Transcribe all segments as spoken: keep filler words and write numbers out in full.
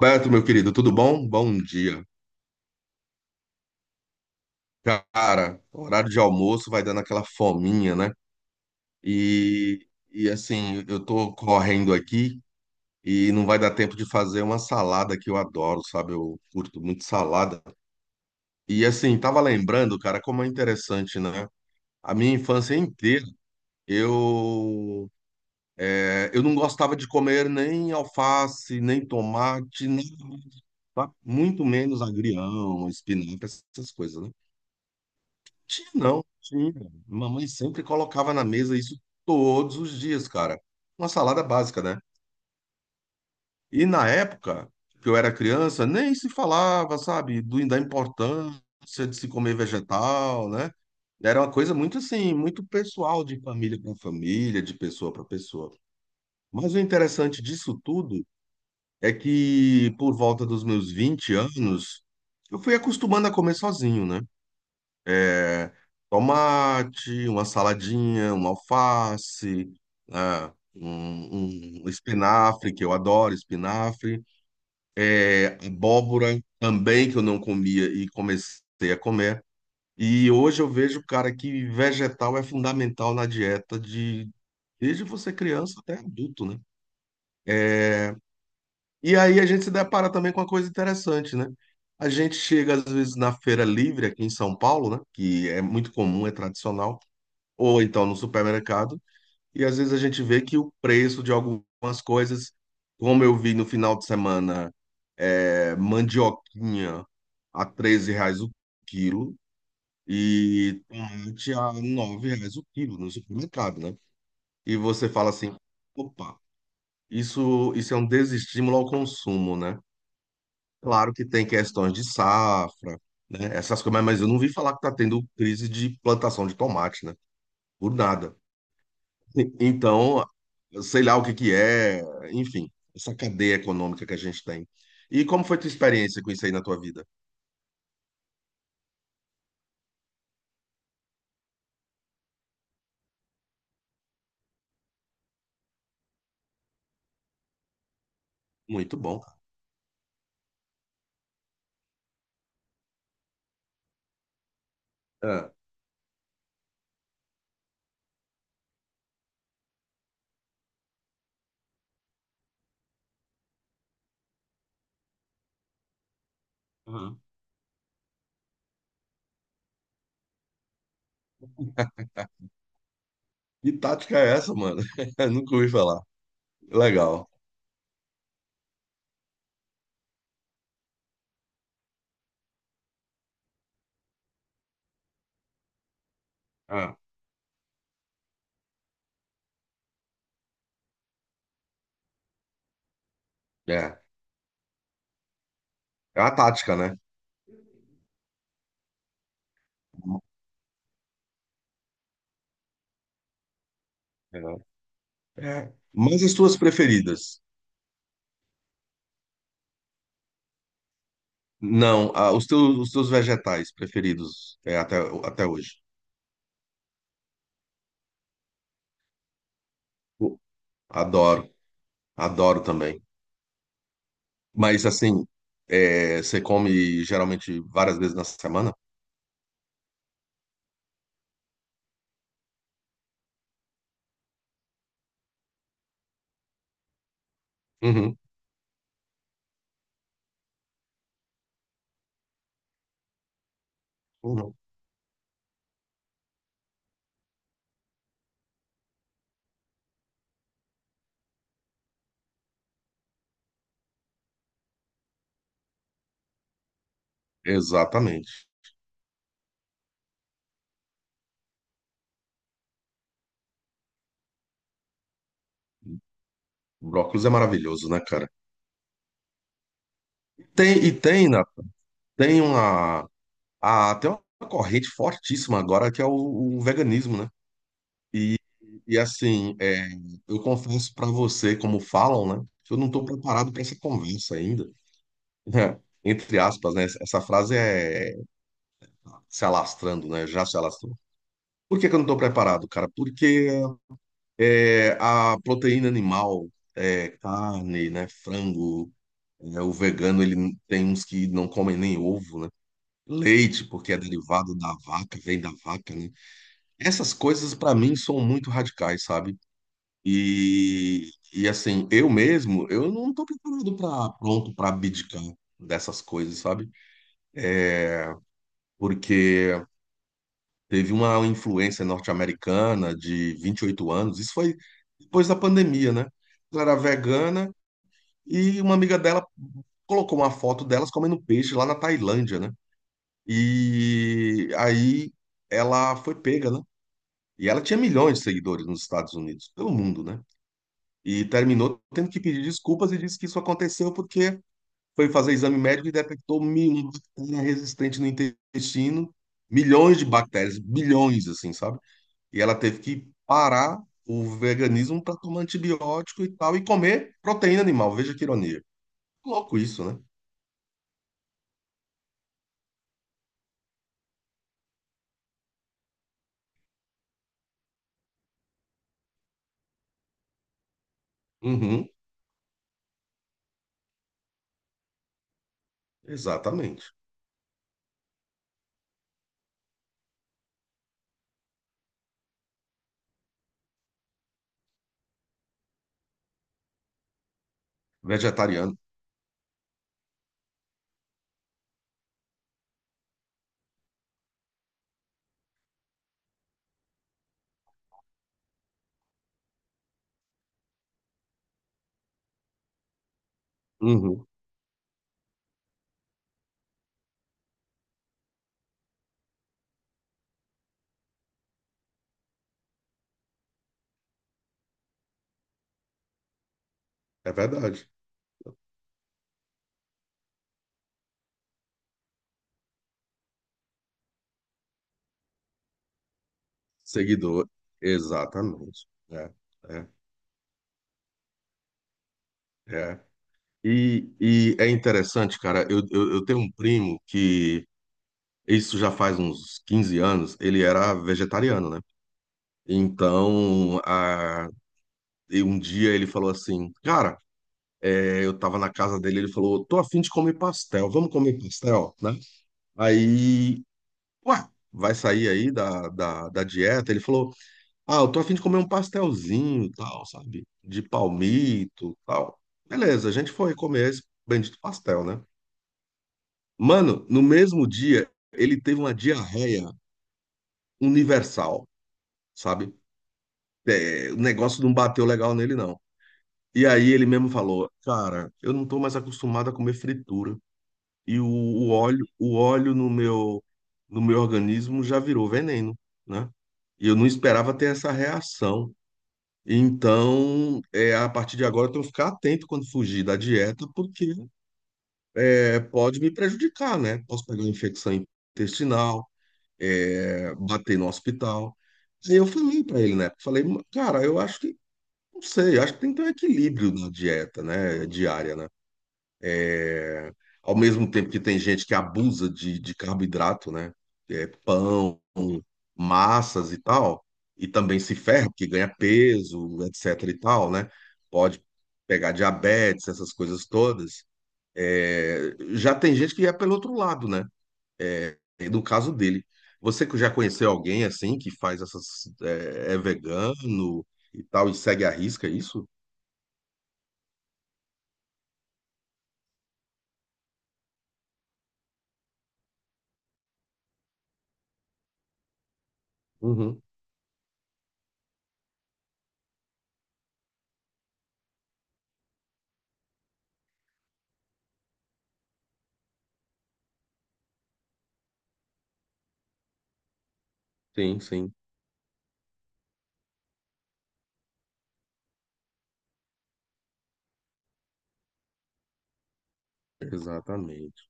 Beto, meu querido, tudo bom? Bom dia. Cara, horário de almoço vai dando aquela fominha, né? E, e assim, eu tô correndo aqui e não vai dar tempo de fazer uma salada que eu adoro, sabe? Eu curto muito salada. E assim, tava lembrando, cara, como é interessante, né? A minha infância inteira, eu, é, eu não gostava de comer nem alface, nem tomate, nem, tá? Muito menos agrião, espinafre, essas coisas, né? Tinha não, tinha. Mamãe sempre colocava na mesa isso todos os dias, cara. Uma salada básica, né? E na época que eu era criança, nem se falava, sabe, do, da importância de se comer vegetal, né? Era uma coisa muito assim, muito pessoal, de família para família, de pessoa para pessoa. Mas o interessante disso tudo é que por volta dos meus vinte anos, eu fui acostumando a comer sozinho, né? é, tomate, uma saladinha, uma alface, ah, um, um espinafre, que eu adoro espinafre, é, abóbora também, que eu não comia e comecei a comer. E hoje eu vejo, cara, que vegetal é fundamental na dieta de desde você criança até adulto, né? E aí a gente se depara também com uma coisa interessante, né? A gente chega às vezes na feira livre aqui em São Paulo, né? Que é muito comum, é tradicional, ou então no supermercado. E às vezes a gente vê que o preço de algumas coisas, como eu vi no final de semana, é, mandioquinha a treze reais o quilo e tomate a nove reais o quilo no supermercado, né? E você fala assim, opa, isso, isso é um desestímulo ao consumo, né? Claro que tem questões de safra, né? Essas coisas, mas eu não vi falar que tá tendo crise de plantação de tomate, né? Por nada. Então, sei lá o que que é, enfim, essa cadeia econômica que a gente tem. E como foi tua experiência com isso aí na tua vida? Muito bom, cara. É. Uhum. Que tática é essa, mano? Eu nunca ouvi falar. Legal. É. É, é uma tática, né? É. É. Mas as tuas preferidas? Não, ah, os teus, os teus vegetais preferidos é, até, até hoje. Pô, adoro, adoro também. Mas assim, é, você come geralmente várias vezes na semana? Uhum. Uhum. Exatamente. Brócolis é maravilhoso, né, cara? Tem, e tem, né, tem uma, a, tem uma corrente fortíssima agora que é o, o veganismo, né? E, e assim, é, eu confesso pra você, como falam, né, que eu não tô preparado pra essa conversa ainda. Entre aspas, né? Essa frase é se alastrando, né? Já se alastrou. Por que que eu não tô preparado, cara? Porque é, a proteína animal, é, carne, né, frango. É, o vegano, ele tem uns que não comem nem ovo, né? Leite, porque é derivado da vaca, vem da vaca, né? Essas coisas, para mim, são muito radicais, sabe? E, e assim, eu mesmo, eu não tô preparado para pronto para abdicar dessas coisas, sabe? Porque teve uma influência norte-americana de vinte e oito anos, isso foi depois da pandemia, né? Ela era vegana e uma amiga dela colocou uma foto delas comendo peixe lá na Tailândia, né? E aí ela foi pega, né? E ela tinha milhões de seguidores nos Estados Unidos, pelo mundo, né? E terminou tendo que pedir desculpas e disse que isso aconteceu porque foi fazer exame médico e detectou mi- uma bactéria resistente no intestino, milhões de bactérias, bilhões, assim, sabe? E ela teve que parar o veganismo para tomar antibiótico e tal, e comer proteína animal. Veja que ironia. Louco isso, né? Uhum, exatamente. Vegetariano. Uhum, é verdade. Seguidor, exatamente. É, é, é. E, e é interessante, cara, eu, eu, eu tenho um primo que, isso já faz uns quinze anos, ele era vegetariano, né? Então, a, e um dia ele falou assim, cara, é, eu tava na casa dele, ele falou, tô afim de comer pastel, vamos comer pastel, né? Aí, ué, vai sair aí da, da, da dieta? Ele falou, ah, eu tô a fim de comer um pastelzinho, tal, sabe? De palmito, tal. Beleza, a gente foi comer esse bendito pastel, né? Mano, no mesmo dia, ele teve uma diarreia universal, sabe? É, o negócio não bateu legal nele, não. E aí ele mesmo falou, cara, eu não tô mais acostumado a comer fritura. E o, o óleo, o óleo no meu, no meu organismo já virou veneno, né? E eu não esperava ter essa reação. Então, é, a partir de agora, eu tenho que ficar atento quando fugir da dieta, porque é, pode me prejudicar, né? Posso pegar uma infecção intestinal, é, bater no hospital. Aí eu falei para ele, né? Falei, cara, eu acho que, não sei, eu acho que tem que ter um equilíbrio na dieta, né? Diária, né? É, ao mesmo tempo que tem gente que abusa de, de carboidrato, né? É, pão, massas e tal, e também se ferra, porque ganha peso, etc e tal, né? Pode pegar diabetes, essas coisas todas. É, já tem gente que é pelo outro lado, né? É, no caso dele. Você que já conheceu alguém assim que faz essas é, é vegano e tal e segue à risca é isso? Uhum. Sim, sim, exatamente.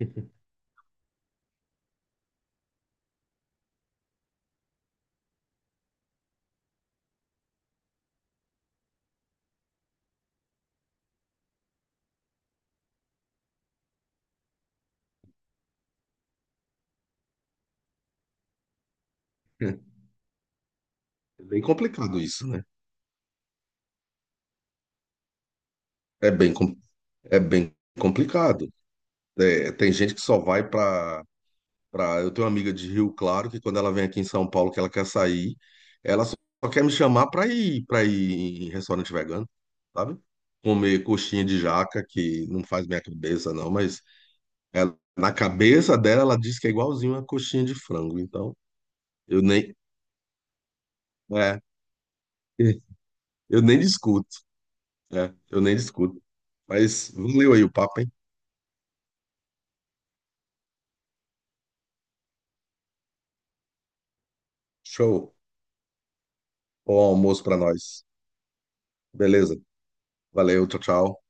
É bem complicado isso, né? É bem, com- é bem complicado. É, tem gente que só vai para para. Eu tenho uma amiga de Rio Claro que quando ela vem aqui em São Paulo que ela quer sair, ela só quer me chamar para ir para ir em restaurante vegano, sabe? Comer coxinha de jaca que não faz minha cabeça não, mas ela- na cabeça dela ela diz que é igualzinho uma coxinha de frango. Então eu nem é, eu nem discuto, é, eu nem discuto. Mas valeu aí o papo, hein? Show. Bom almoço para nós. Beleza. Valeu, tchau, tchau.